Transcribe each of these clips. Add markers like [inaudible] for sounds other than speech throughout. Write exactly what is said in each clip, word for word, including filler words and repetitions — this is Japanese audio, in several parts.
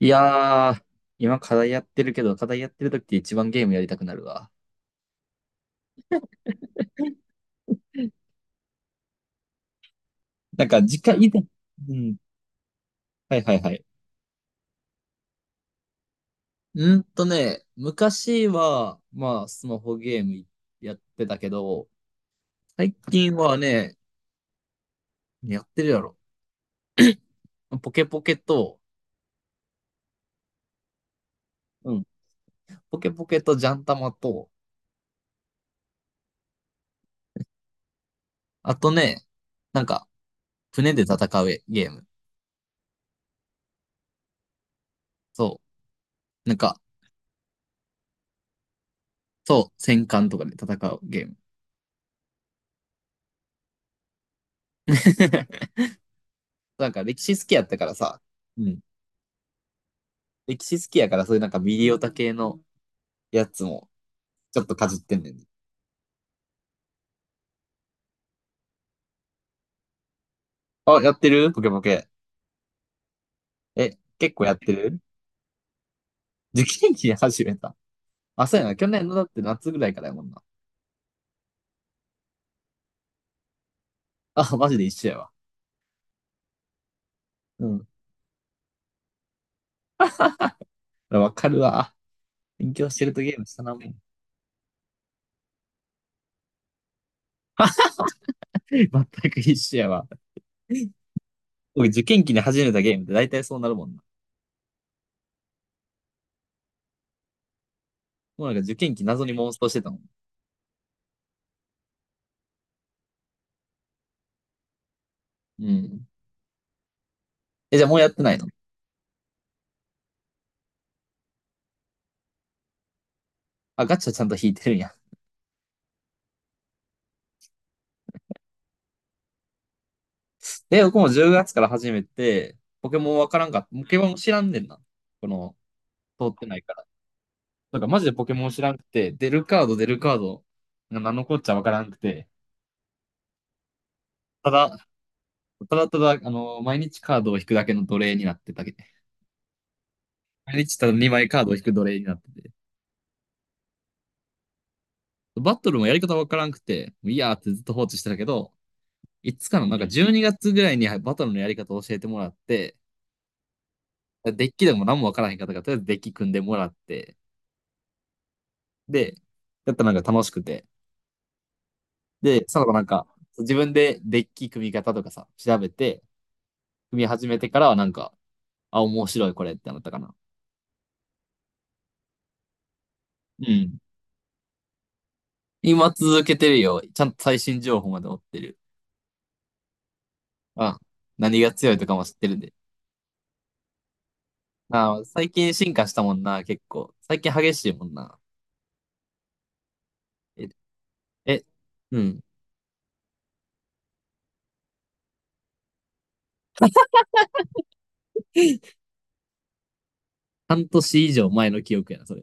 いやー、今課題やってるけど、課題やってる時って一番ゲームやりたくなるわ。なんか、時間以前、うん。はいはいはい。うんとね、昔は、まあ、スマホゲームやってたけど、最近はね、やってるやろ。ポケポケと、うん。ポケポケとジャンタマと、あとね、なんか、船で戦うゲーム。そう。なんか、そう、戦艦とかで戦うゲーム。[laughs] なんか、歴史好きやったからさ、うん。歴史好きやから、そういうなんかミリオタ系のやつも、ちょっとかじってんねん。あ、やってるポケポケ。え、結構やってる？受験期に始めた。あ、そうやな。去年のだって夏ぐらいからやもんな。あ、マジで一緒やわ。うん。わかるわ。勉強してるとゲームしたな、もう。[laughs] あ、全く一緒やわ。僕、受験期に始めたゲームって大体そうなるもんな。もうなんか受験期謎に妄想してたもん。うん。え、じゃあもうやってないの？あ、ガチャちゃんと引いてるんや。え、僕もじゅうがつから始めて、ポケモンわからんかった。ポケモン知らんねんな。この、通ってないから。だからマジでポケモン知らんくて、出るカード出るカード、なんのこっちゃわからんくて、ただ、ただただ、あの、毎日カードを引くだけの奴隷になってたけど、毎日ただにまいカードを引く奴隷になってて、バトルもやり方わからんくて、もういいやーってずっと放置してたけど、いつかの、なんかじゅうにがつぐらいにバトルのやり方を教えてもらって、デッキでも何もわからへんかったから、とりあえずデッキ組んでもらって、で、やったらなんか楽しくて、で、その子なんか、自分でデッキ組み方とかさ、調べて、組み始めてからはなんか、あ、面白いこれってなったかな。うん。今続けてるよ。ちゃんと最新情報まで追ってる。あ、何が強いとかも知ってるんで。あ、最近進化したもんな、結構。最近激しいもんな。え、え、うん。半年以上前の記憶やな、それ。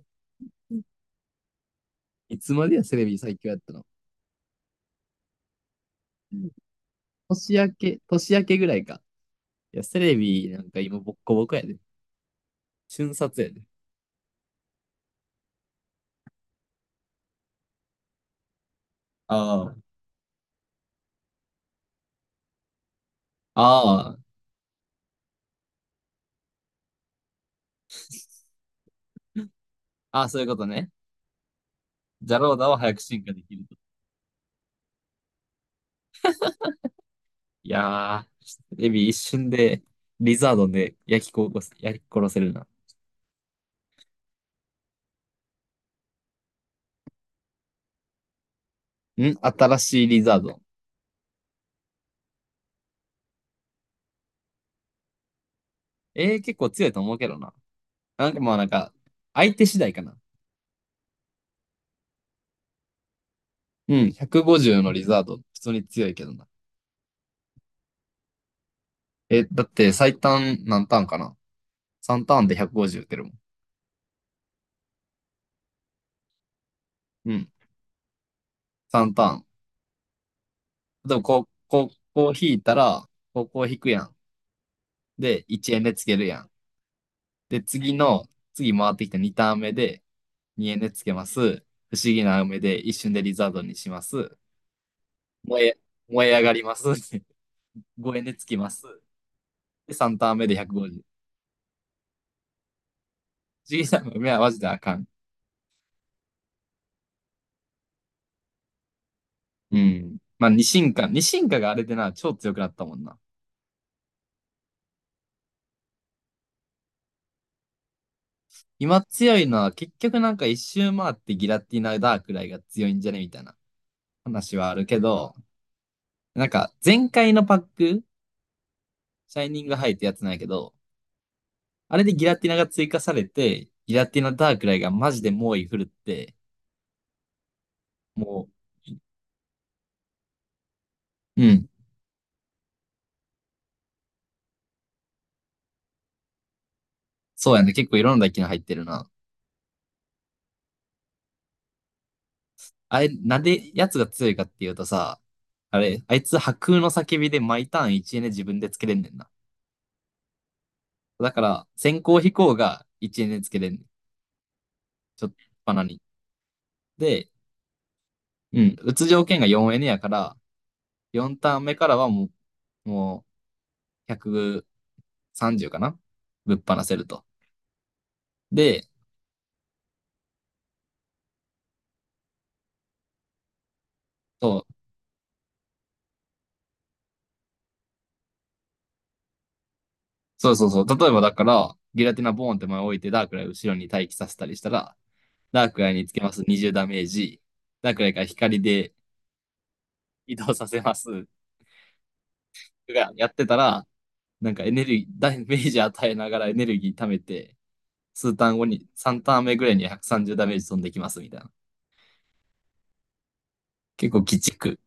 いつまでや、セレビ最強やったの。年明け、年明けぐらいか。いや、セレビなんか今ボッコボコやで。瞬殺やで。ああ。ああ。ああ、そういうことね。ジャローダを早く進化できると。いやー、エビ一瞬でリザードンで焼き殺す、焼き殺せるな。ん、新しいリザードン。えー、結構強いと思うけどな。なんかまあなんか、相手次第かな。うん、ひゃくごじゅうのリザードン、普通に強いけどな。え、だって最短何ターンかな？ さん ターンでひゃくごじゅう打てるもん。うん、さんターン。でもこう、こう、こう引いたら、こう、こを引くやん。で、いちえんでつけるやん。で、次の、次回ってきたにターン目で、にえんでつけます。不思議な雨で一瞬でリザードにします。燃え、燃え上がります。[laughs] ごえんでつきます。で、さんターン目でひゃくごじゅう。不思議な雨はマジであかん。うん。まあ、二進化。二進化があれでな、超強くなったもんな。今強いのは結局なんか一周回ってギラティナダークライが強いんじゃねみたいな話はあるけど、なんか前回のパック、シャイニングハイってやつなんやけど、あれでギラティナが追加されて、ギラティナダークライがマジで猛威振るって、もう、うん、そうやね。結構いろんな機能入ってるな。あれ、なんでやつが強いかっていうとさ、あれ、あいつ破空の叫びで毎ターンいちエネ自分でつけれんねんな。だから、先行飛行がいちエネつけれんねん。ちょっとバナに。で、うん、打つ条件がよんエネやから、よんターン目からはもう、もうひゃくさんじゅうかなぶっ放せると。で、そう、そうそうそう。例えばだから、ギラティナボーンって前置いてダークライ後ろに待機させたりしたら、ダークライにつけますにじゅうダメージ。ダークライから光で移動させます。がやってたら、なんかエネルギー、ダメージ与えながらエネルギー貯めて、数ターン後に、さんターン目ぐらいにひゃくさんじゅうダメージ飛んできますみたいな。結構鬼畜。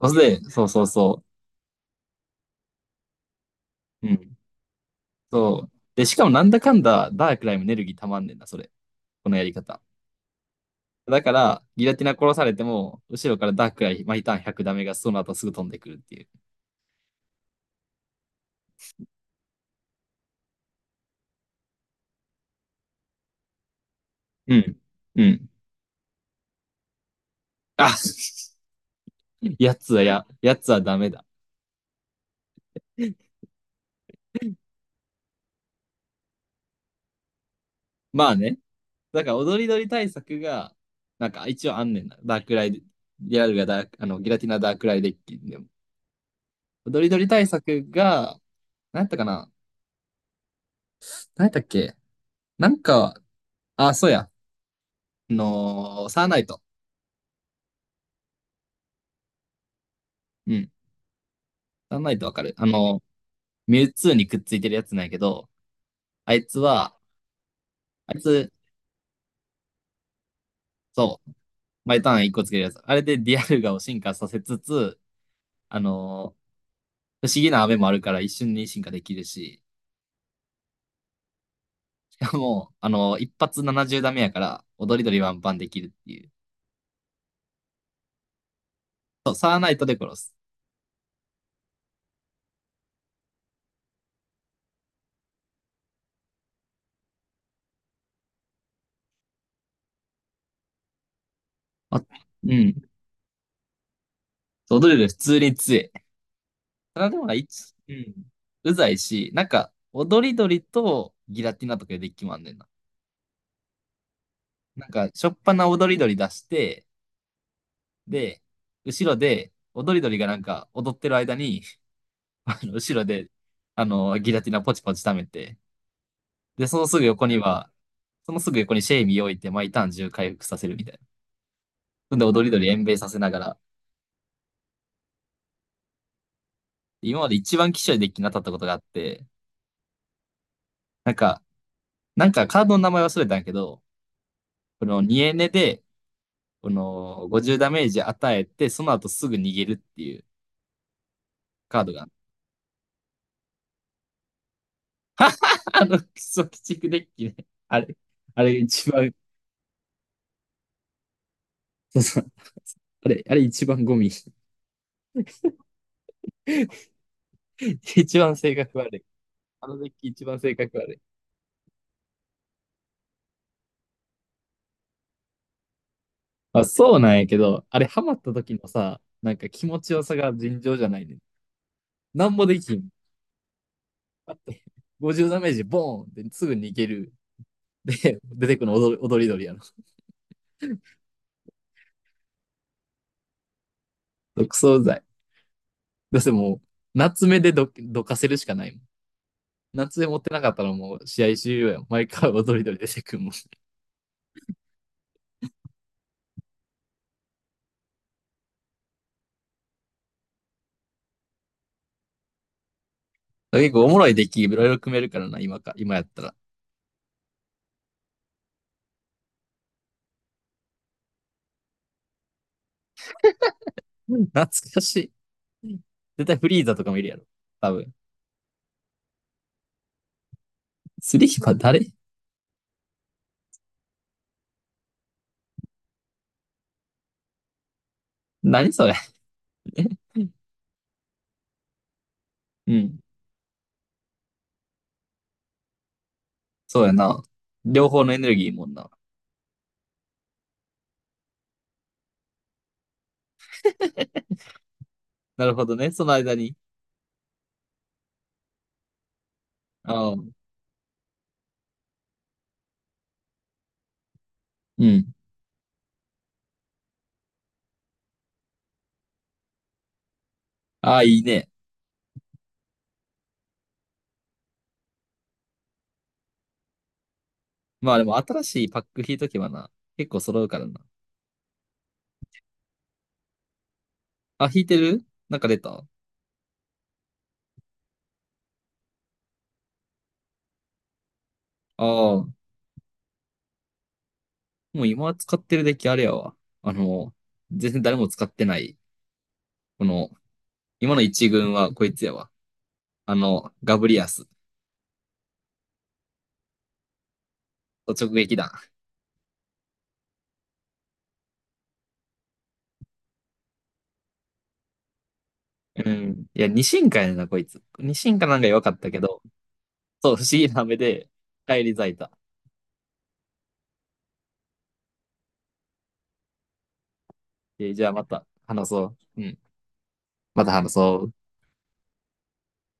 それで、そうそうそう。うん。そう。で、しかもなんだかんだ、ダークライもエネルギー溜まんねんな、それ。このやり方。だから、ギラティナ殺されても、後ろからダークライ、毎ターンひゃくダメがその後すぐ飛んでくるっていう。うん。うん。あ、 [laughs] やつはや、やつはダメだ。まあね。だから踊り鳥対策が、なんか一応あんねんな。ダークライで、ギラルがダーク、あの、ギラティナダークライデッキでも。踊り鳥対策が、なんやったかな、なんやったっけ、なんか、あ、そうや。あのーサーナイト。うん。サーナイトわかる。あのーミュウツーにくっついてるやつなんやけど、あいつは、あいつ、そう、毎ターン一個つけるやつ。あれでディアルガを進化させつつ、あのー不思議な雨もあるから一瞬に進化できるし、もう、あの、一発ななじゅうダメやから、踊り鳥ワンパンできるっていう。そう、サーナイトで殺す。あ、うん。踊り鳥普通に強い。ただでもな、一、うん。うざいし、なんか、踊り鳥とギラティナとかでデッキもあんねんな。なんか、しょっぱな踊り鳥出して、で、後ろで、踊り鳥がなんか踊ってる間に、[laughs] あの後ろで、あの、ギラティナポチポチ溜めて、で、そのすぐ横には、そのすぐ横にシェイミー置いて、毎ターン中回復させるみたいな。そんで踊り鳥延命させながら、今まで一番希少いデッキに当たったことがあって、なんか、なんかカードの名前忘れたんやけど、このにエネで、このごじゅうダメージ与えて、その後すぐ逃げるっていうカードが、[laughs] あの、クソ鬼畜デッキね。あれ、あれ一番、[laughs] そうそう、あれ、あれ一番ゴミ。[laughs] 一番性格悪い。あのデッキ一番性格悪い。まあそうなんやけど、あれハマった時のさ、なんか気持ちよさが尋常じゃないね。なんもできん。だって、ごじゅうダメージボーンってすぐ逃げる。[laughs] て、出てくるの踊り踊り鳥やの、クソうざい。だってもう、夏目でどどかせるしかないもん。夏目持ってなかったらもう試合終了やん。毎回踊り鳥出てくるもん。結構おもろいデッキいろいろ組めるからな、今か、今やったら。うん、懐かしい。絶対フリーザとかもいるやろ。多分。スリーは誰？何それ？ [laughs] うん。そうやな。両方のエネルギーもんな。なるほどね。その間に。ああ。うん。ああ、いいね。まあでも新しいパック引いとけばな、結構揃うからな。あ、引いてる？なんか出たあ？あもう今使ってるデッキあれやわ。あの、全然誰も使ってない。この、今の一軍はこいつやわ。あの、ガブリアス。直撃弾。うん。いや、二進化やねんな、こいつ。二進化なんか弱かったけど、そう、不思議な目で帰り咲いた。えーじゃあまた話そう。うん。また話そう。